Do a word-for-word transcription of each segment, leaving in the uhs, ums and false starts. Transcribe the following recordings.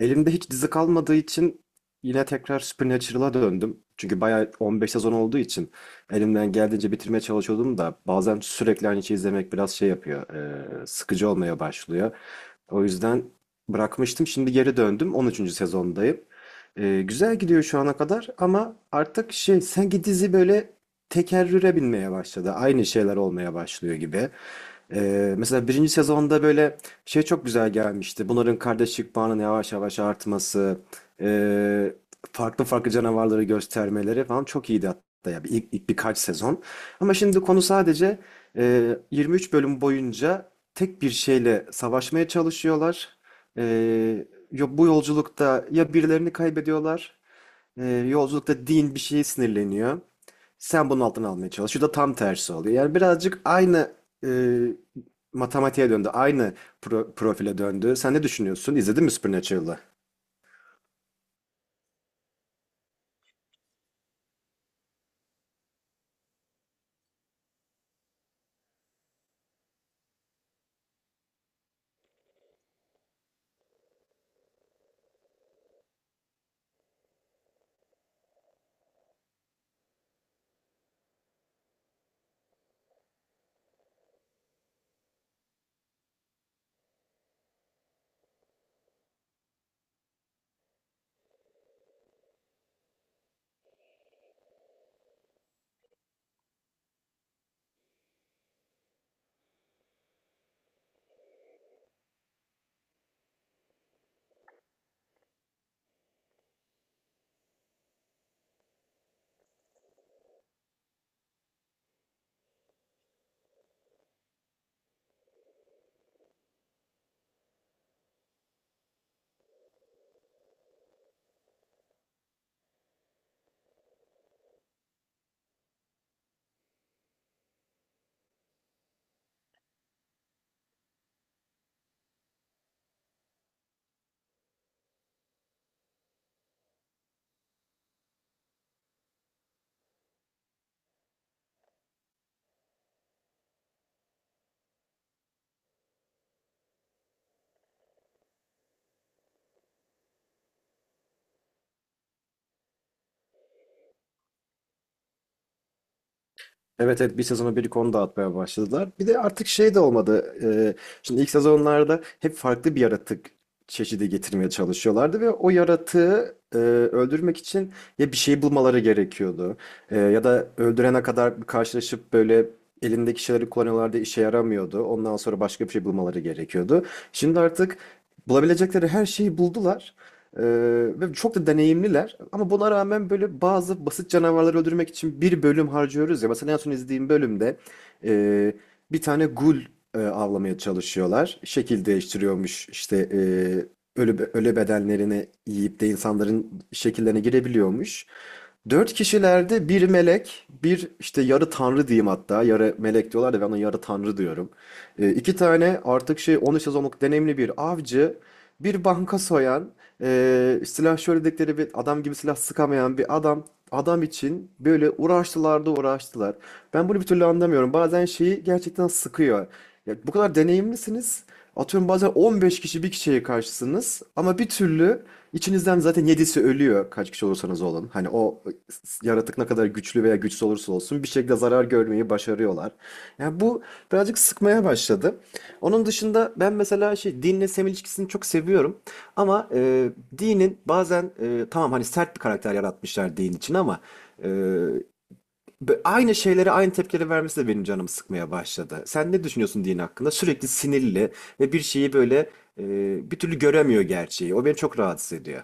Elimde hiç dizi kalmadığı için yine tekrar Supernatural'a döndüm. Çünkü bayağı on beş sezon olduğu için elimden geldiğince bitirmeye çalışıyordum da bazen sürekli aynı şeyi izlemek biraz şey yapıyor, e, sıkıcı olmaya başlıyor. O yüzden bırakmıştım. Şimdi geri döndüm. on üçüncü sezondayım. E, güzel gidiyor şu ana kadar ama artık şey sanki dizi böyle tekerrüre binmeye başladı. Aynı şeyler olmaya başlıyor gibi. Ee, mesela birinci sezonda böyle şey çok güzel gelmişti. Bunların kardeşlik bağının yavaş yavaş artması, ee, farklı farklı canavarları göstermeleri falan çok iyiydi hatta ya bir, ilk, ilk birkaç sezon. Ama şimdi konu sadece ee, yirmi üç bölüm boyunca tek bir şeyle savaşmaya çalışıyorlar. Ee, yo- bu yolculukta ya birilerini kaybediyorlar, ee, yolculukta Dean bir şeye sinirleniyor. Sen bunun altını almaya çalış. Şu da tam tersi oluyor. Yani birazcık aynı e, matematiğe döndü. Aynı pro- profile döndü. Sen ne düşünüyorsun? İzledin mi Supernatural'ı? Evet evet, bir sezonu bir konu dağıtmaya başladılar. Bir de artık şey de olmadı. Ee, şimdi ilk sezonlarda hep farklı bir yaratık çeşidi getirmeye çalışıyorlardı ve o yaratığı e, öldürmek için ya bir şey bulmaları gerekiyordu. E, ya da öldürene kadar bir karşılaşıp böyle elindeki şeyleri kullanıyorlardı, işe yaramıyordu. Ondan sonra başka bir şey bulmaları gerekiyordu. Şimdi artık bulabilecekleri her şeyi buldular. Ee, Ve çok da deneyimliler. Ama buna rağmen böyle bazı basit canavarları öldürmek için bir bölüm harcıyoruz ya. Mesela en son izlediğim bölümde e, bir tane gul e, avlamaya çalışıyorlar. Şekil değiştiriyormuş işte, e, ölü, ölü bedenlerini yiyip de insanların şekillerine girebiliyormuş. Dört kişilerde bir melek, bir işte yarı tanrı diyeyim hatta. Yarı melek diyorlar da ben ona yarı tanrı diyorum. E, iki tane artık şey on üç sezonluk deneyimli bir avcı, bir banka soyan, e, silah şöyle dedikleri bir adam gibi, silah sıkamayan bir adam. Adam için böyle uğraştılar da uğraştılar. Ben bunu bir türlü anlamıyorum. Bazen şeyi gerçekten sıkıyor. Ya, bu kadar deneyimlisiniz. Atıyorum bazen on beş kişi bir kişiye karşısınız ama bir türlü İçinizden zaten yedisi ölüyor, kaç kişi olursanız olun. Hani o yaratık ne kadar güçlü veya güçsüz olursa olsun bir şekilde zarar görmeyi başarıyorlar. Yani bu birazcık sıkmaya başladı. Onun dışında ben mesela şey, dinle Sam ilişkisini çok seviyorum. Ama e, Dean'in bazen, e, tamam hani sert bir karakter yaratmışlar Dean için ama e, be- aynı şeylere aynı tepkileri vermesi de benim canımı sıkmaya başladı. Sen ne düşünüyorsun Dean hakkında? Sürekli sinirli ve bir şeyi böyle e, bir türlü göremiyor gerçeği. O beni çok rahatsız ediyor.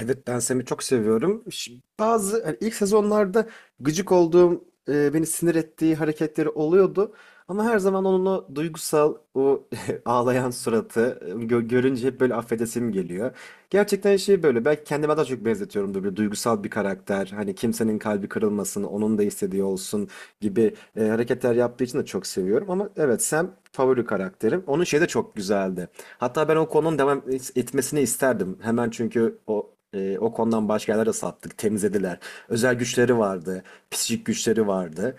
Evet, ben Sam'i çok seviyorum. Şi- Bazı hani ilk sezonlarda gıcık olduğum, e, beni sinir ettiği hareketleri oluyordu. Ama her zaman onun o duygusal, o ağlayan suratı e, gö- görünce hep böyle affedesim geliyor. Gerçekten şey böyle, belki kendime daha çok benzetiyorum da, böyle duygusal bir karakter. Hani kimsenin kalbi kırılmasın, onun da istediği olsun gibi e, hareketler yaptığı için de çok seviyorum. Ama evet, Sam favori karakterim. Onun şeyi de çok güzeldi. Hatta ben o konunun devam et- etmesini isterdim. Hemen, çünkü o e, o konudan başka yerlere sattık, temizlediler. Özel güçleri vardı, psikik güçleri vardı.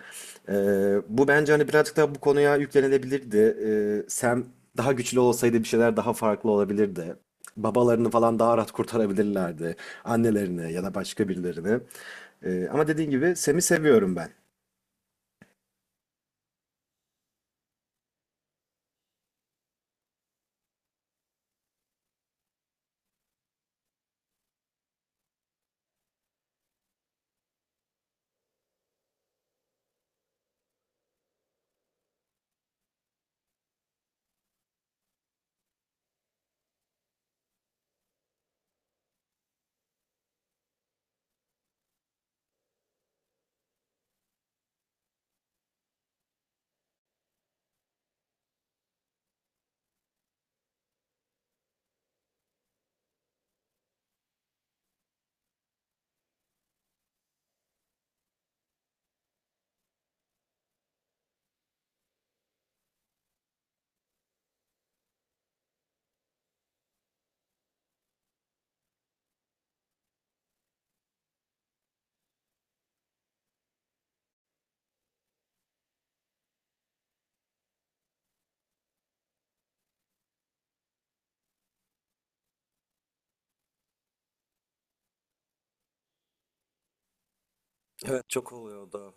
E, Bu bence hani birazcık daha bu konuya yüklenilebilirdi. E, Sam daha güçlü olsaydı bir şeyler daha farklı olabilirdi. Babalarını falan daha rahat kurtarabilirlerdi. Annelerini ya da başka birilerini. E, ama dediğin gibi, Sam'i seviyorum ben. Evet, çok oluyor o da.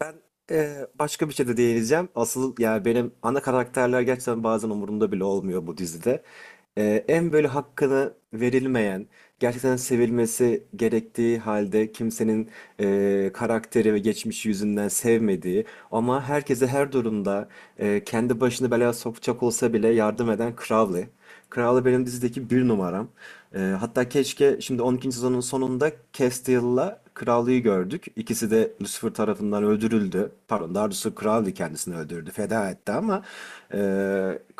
Ben eee, başka bir şey de değineceğim. Asıl yani benim ana karakterler gerçekten bazen umurumda bile olmuyor bu dizide. Eee, en böyle hakkını verilmeyen, gerçekten sevilmesi gerektiği halde kimsenin eee, karakteri ve geçmişi yüzünden sevmediği ama herkese her durumda eee, kendi başını belaya sokacak olsa bile yardım eden Crowley. Crowley benim dizideki bir numaram. Ee, hatta keşke, şimdi on ikinci sezonun sonunda Castiel'la Crowley'i gördük. İkisi de Lucifer tarafından öldürüldü. Pardon, daha doğrusu Crowley kendisini öldürdü, feda etti ama e,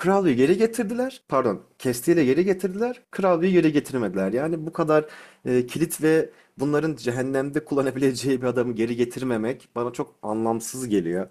Crowley'i geri getirdiler. Pardon, Castiel'i geri getirdiler. Crowley'i geri getirmediler. Yani bu kadar e, kilit ve bunların cehennemde kullanabileceği bir adamı geri getirmemek bana çok anlamsız geliyor.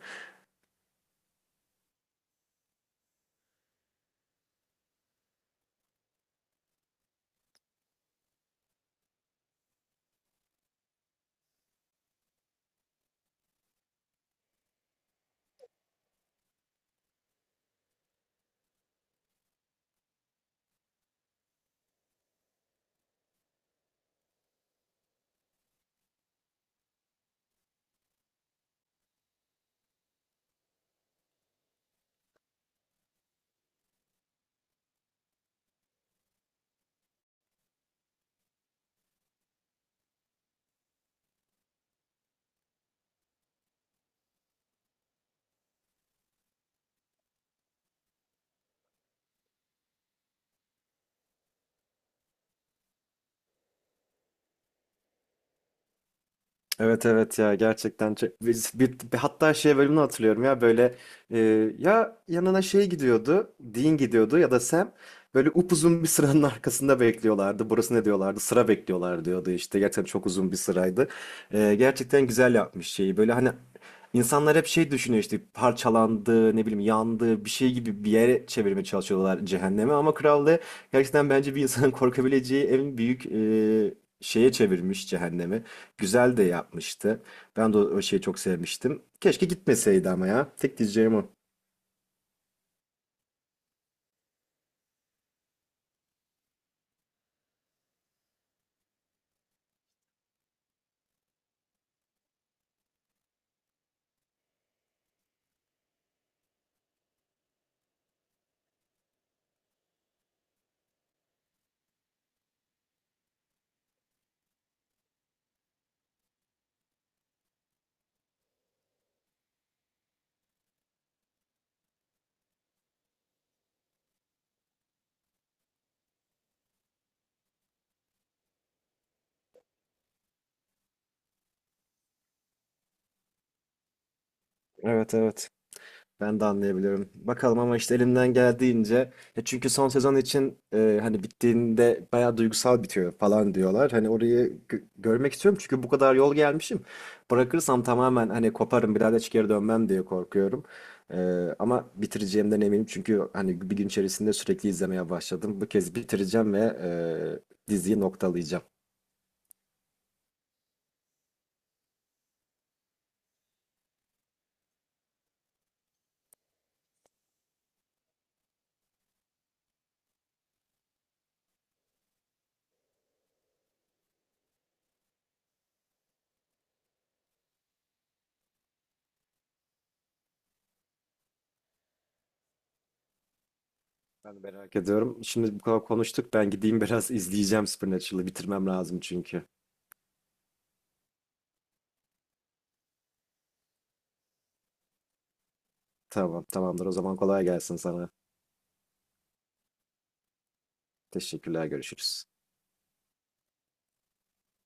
Evet evet, ya gerçekten çe- biz- bir, bir- hatta şey bölümünü hatırlıyorum ya, böyle e, ya yanına şey gidiyordu, Dean gidiyordu ya da Sam böyle upuzun bir sıranın arkasında bekliyorlardı, burası ne diyorlardı, sıra bekliyorlar diyordu, işte gerçekten çok uzun bir sıraydı. E, gerçekten güzel yapmış şeyi, böyle hani insanlar hep şey düşünüyor, işte parçalandı, ne bileyim yandı bir şey gibi bir yere çevirmeye çalışıyorlar cehenneme, ama krallığı gerçekten bence bir insanın korkabileceği en büyük e, şeye çevirmiş cehennemi. Güzel de yapmıştı. Ben de o o şeyi çok sevmiştim. Keşke gitmeseydi ama ya. Tek diyeceğim o. Evet evet. Ben de anlayabiliyorum. Bakalım ama, işte elimden geldiğince. Ya çünkü son sezon için e, hani bittiğinde bayağı duygusal bitiyor falan diyorlar. Hani orayı gö- görmek istiyorum çünkü bu kadar yol gelmişim. Bırakırsam tamamen hani koparım bir daha da hiç geri dönmem diye korkuyorum. E, Ama bitireceğimden eminim çünkü hani bir gün içerisinde sürekli izlemeye başladım. Bu kez bitireceğim ve e, diziyi noktalayacağım. Ben de merak ediyorum. Şimdi bu kadar konuştuk. Ben gideyim biraz izleyeceğim Supernatural'ı. Bitirmem lazım çünkü. Tamam, tamamdır. O zaman kolay gelsin sana. Teşekkürler, görüşürüz.